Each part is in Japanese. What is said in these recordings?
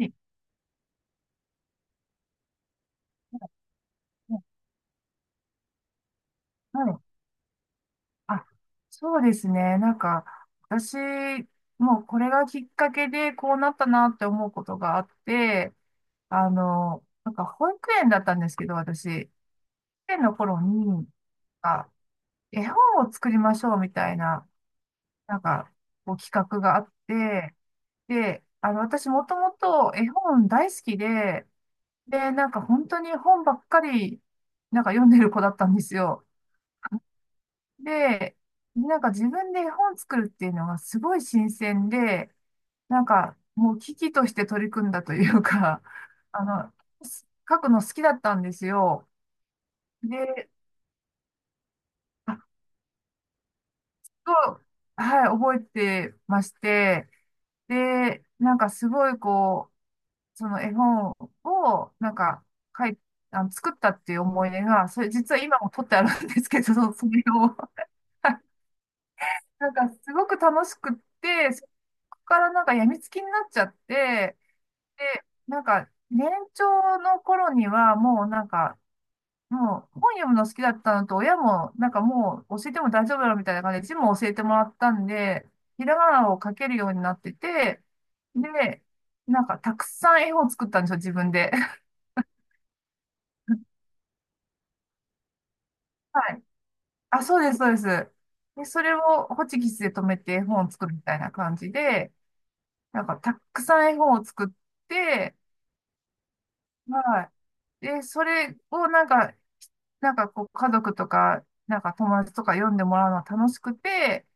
えはい。あ、そうですね。私、もうこれがきっかけでこうなったなって思うことがあって、保育園だったんですけど、私、保育園の頃に、あ、絵本を作りましょうみたいな、なんか、こう企画があって、で、あの、私もともと絵本大好きで、で、本当に本ばっかり、読んでる子だったんですよ。で、自分で絵本作るっていうのがすごい新鮮で、もう危機として取り組んだというか、あの、書くの好きだったんですよ。で、あと、はい、覚えてまして、で、なんかすごいこう、その絵本を、なんか、書い、あの、作ったっていう思い出が、それ実は今も取ってあるんですけど、それを、すごく楽しくって、そこから病みつきになっちゃって、で、年長の頃には、もうなんか、もう本読むの好きだったのと、親も、もう教えても大丈夫だろうみたいな感じで、字も教えてもらったんで、ひらがなを書けるようになってて、で、たくさん絵本を作ったんですよ、自分で。はい。あ、そうです、そうです。で、それをホチキスで止めて絵本を作るみたいな感じで、たくさん絵本を作って、はい。で、それをこう家族とか、友達とか読んでもらうのは楽しくて、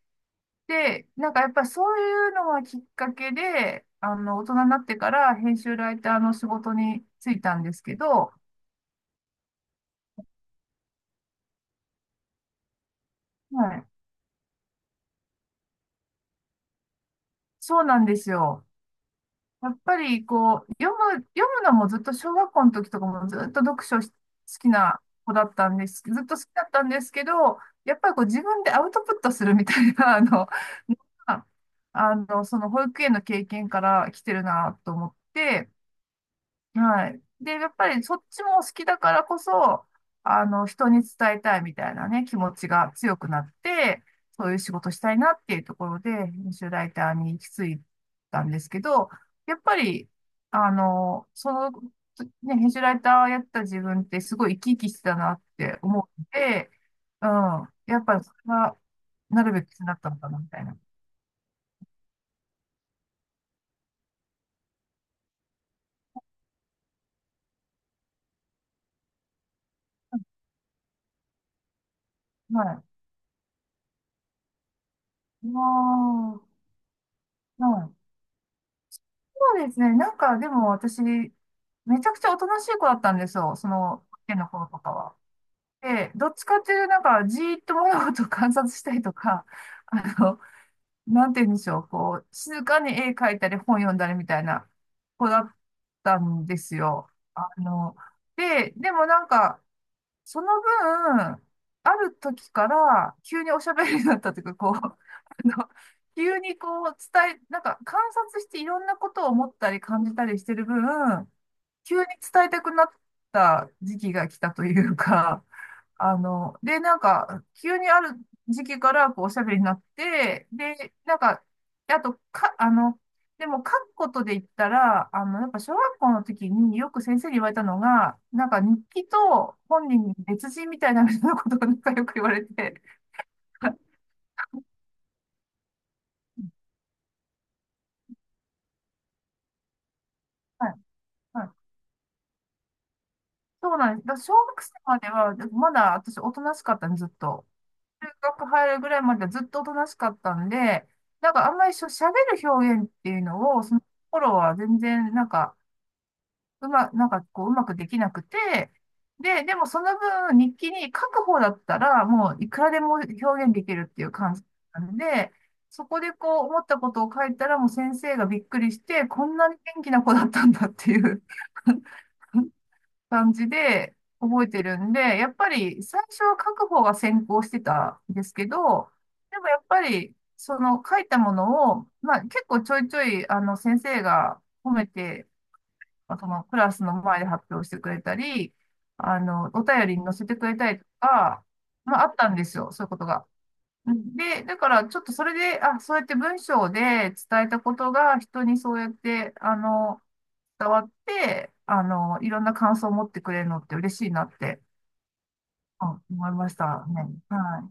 で、やっぱりそういうのがきっかけで、あの、大人になってから編集ライターの仕事に就いたんですけど、はい。そうなんですよ。やっぱりこう、読むのもずっと小学校の時とかもずっと読書し好きな子だったんです。ずっと好きだったんですけど、やっぱりこう自分でアウトプットするみたいな、あの、その保育園の経験から来てるなと思って、はい。で、やっぱりそっちも好きだからこそ、あの、人に伝えたいみたいなね、気持ちが強くなって、そういう仕事したいなっていうところで、編集ライターに行き着いたんですけど、やっぱり、あの、その、ね、編集ライターをやってた自分ってすごい生き生きしてたなって思って、うん、やっぱりそれが、なるべくなったのかなみたいな。はい。ああ、はい。そうですね。でも私、めちゃくちゃおとなしい子だったんですよ。その、保育園の頃とかは。で、どっちかっていうと、じーっと物事を観察したりとか、あの、なんて言うんでしょう、こう、静かに絵描いたり本読んだりみたいな子だったんですよ。あの、でもその分、ある時から急におしゃべりになったというか、こう、あの、急にこう伝え、なんか観察していろんなことを思ったり感じたりしてる分、急に伝えたくなった時期が来たというか、あの、で、急にある時期から、こう、おしゃべりになって、で、なんか、であと、か、あの、でも、書くことで言ったら、あの、やっぱ、小学校の時によく先生に言われたのが、日記と本人に別人みたいな、みたいなことが、よく言われて、はい。はい。そうなんです。だから小学生までは、まだ私、おとなしかったんです、ずっと。中学入るぐらいまではずっとおとなしかったんで、あんまりしゃべる表現っていうのを、その頃は全然、なんか、うま、なんかこう、うまくできなくて、で、でもその分日記に書く方だったら、もういくらでも表現できるっていう感じなんで、そこでこう思ったことを書いたらもう先生がびっくりして、こんなに元気な子だったんだっていう 感じで覚えてるんで、やっぱり最初は書く方が先行してたんですけど、でもやっぱりその書いたものを、まあ結構ちょいちょいあの先生が褒めてそのクラスの前で発表してくれたり、あの、お便りに載せてくれたりとか、まああったんですよ、そういうことが。で、だからちょっとそれで、あ、そうやって文章で伝えたことが人にそうやって、あの、伝わって、あの、いろんな感想を持ってくれるのって嬉しいなって、うん思いましたね。は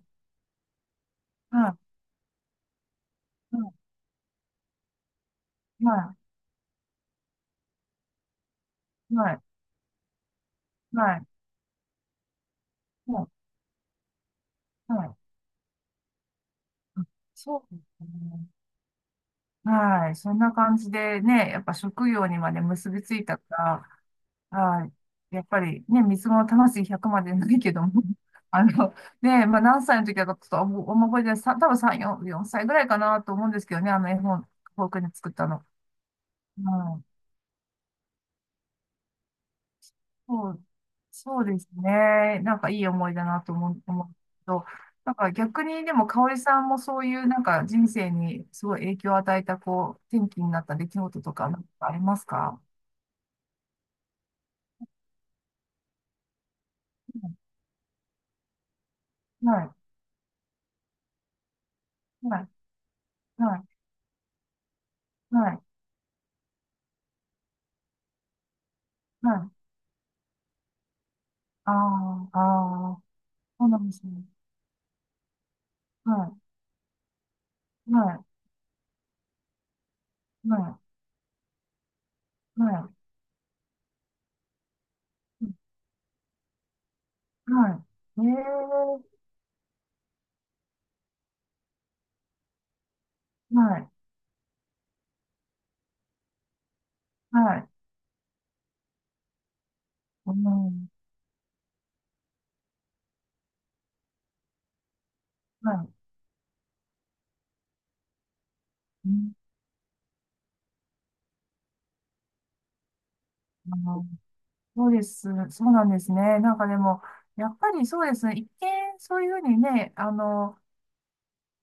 い。はい。はい。はい。はい。はい。はい。はい。そうですね。はい。そんな感じでね、やっぱ職業にまで結びついたから、はい。やっぱりね、三つ子の魂100までないけども、あの、ね、まあ何歳の時だかちょっとあんま覚えてない、多分3、4歳ぐらいかなと思うんですけどね、あの絵本、フォークに作ったの。うん。そう、そうですね。なんかいい思いだなと思うけど、なんか逆にでも、香織さんもそういうなんか人生にすごい影響を与えた、こう、転機になった出来事とか、なんかありますか？うん。はい。はい、はい、はい、はい。ああ、ああ、そうなんですね。はい、はい、はい、はい、はい。ええ、はい、はい、うん、はい。うん、あの、そうです。そうなんですね。なんかでも、やっぱりそうですね。一見、そういうふうにね、あの、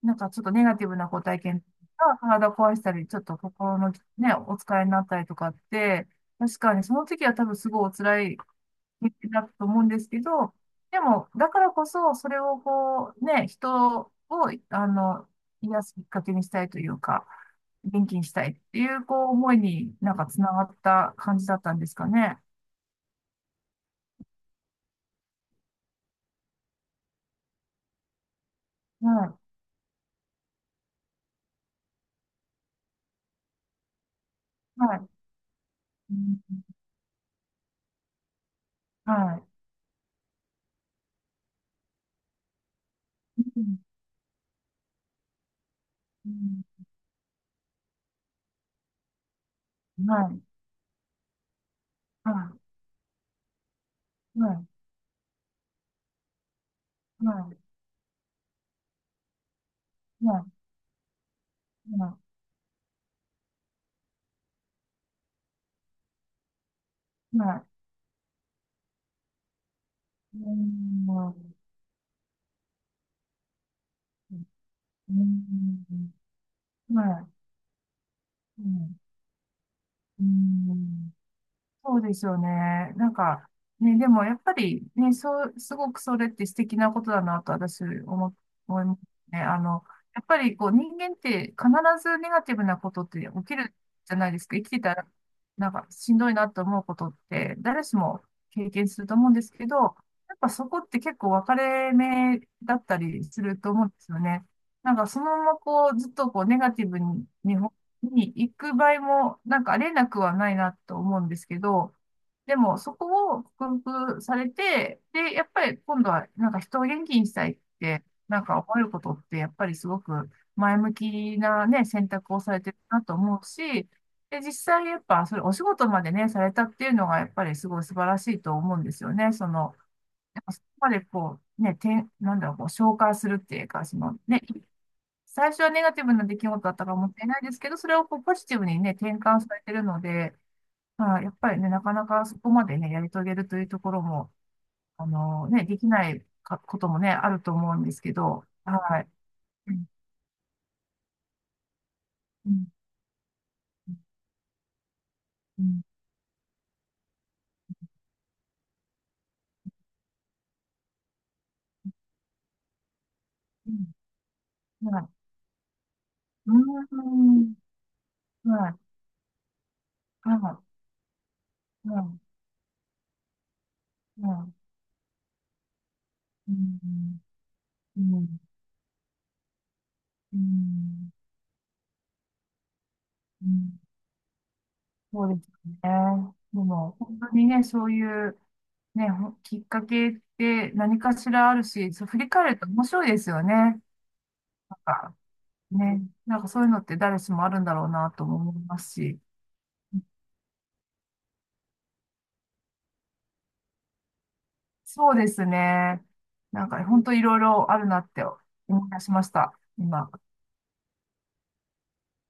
なんかちょっとネガティブなご体験が体壊したり、ちょっと心のね、お疲れになったりとかって、確かにその時は多分すごいお辛いだと思うんですけど、でも、だからこそ、それをこう、ね、人を、あの、癒すきっかけにしたいというか、元気にしたいっていう、こう、思いになんかつながった感じだったんですかね。はい、はい、うん、はい、うん、うん、はい、はい、はい、はい、はい、はい、はい、うん、うん、うん、はい、うん、うん。そうですよね。なんか、ね、でもやっぱりね、そう、すごくそれって素敵なことだなと思いますね。あの、やっぱりこう人間って必ずネガティブなことって起きるじゃないですか。生きてたら、なんかしんどいなと思うことって誰しも経験すると思うんですけど、やっぱそこって結構分かれ目だったりすると思うんですよね。なんかそのままこうずっとこうネガティブに、に行く場合も、なんかありえなくはないなと思うんですけど、でもそこを克服されて、で、やっぱり今度はなんか人を元気にしたいって、なんか思えることって、やっぱりすごく前向きなね、選択をされてるなと思うし、で、実際やっぱそれお仕事までね、されたっていうのがやっぱりすごい素晴らしいと思うんですよね。その、やっぱそこまでこう、ね、なんだろう、こう、消化するっていうか、そのね、最初はネガティブな出来事だったからもったいないですけど、それをこうポジティブにね、転換されてるので、まあ、やっぱりね、なかなかそこまでね、やり遂げるというところも、あのね、できないかこともね、あると思うんですけど、はい。うん、うん、うん、うん、はい。うーん、はい、はい、はい、はい、うん、うん、うん、うん、うん。そうですね。でも、本当にね、そういう、ね、きっかけって何かしらあるし、そう振り返ると面白いですよね。なんか、ね、なんかそういうのって誰しもあるんだろうなとも思いますし。そうですね。なんか本当いろいろあるなって思い出しました、今。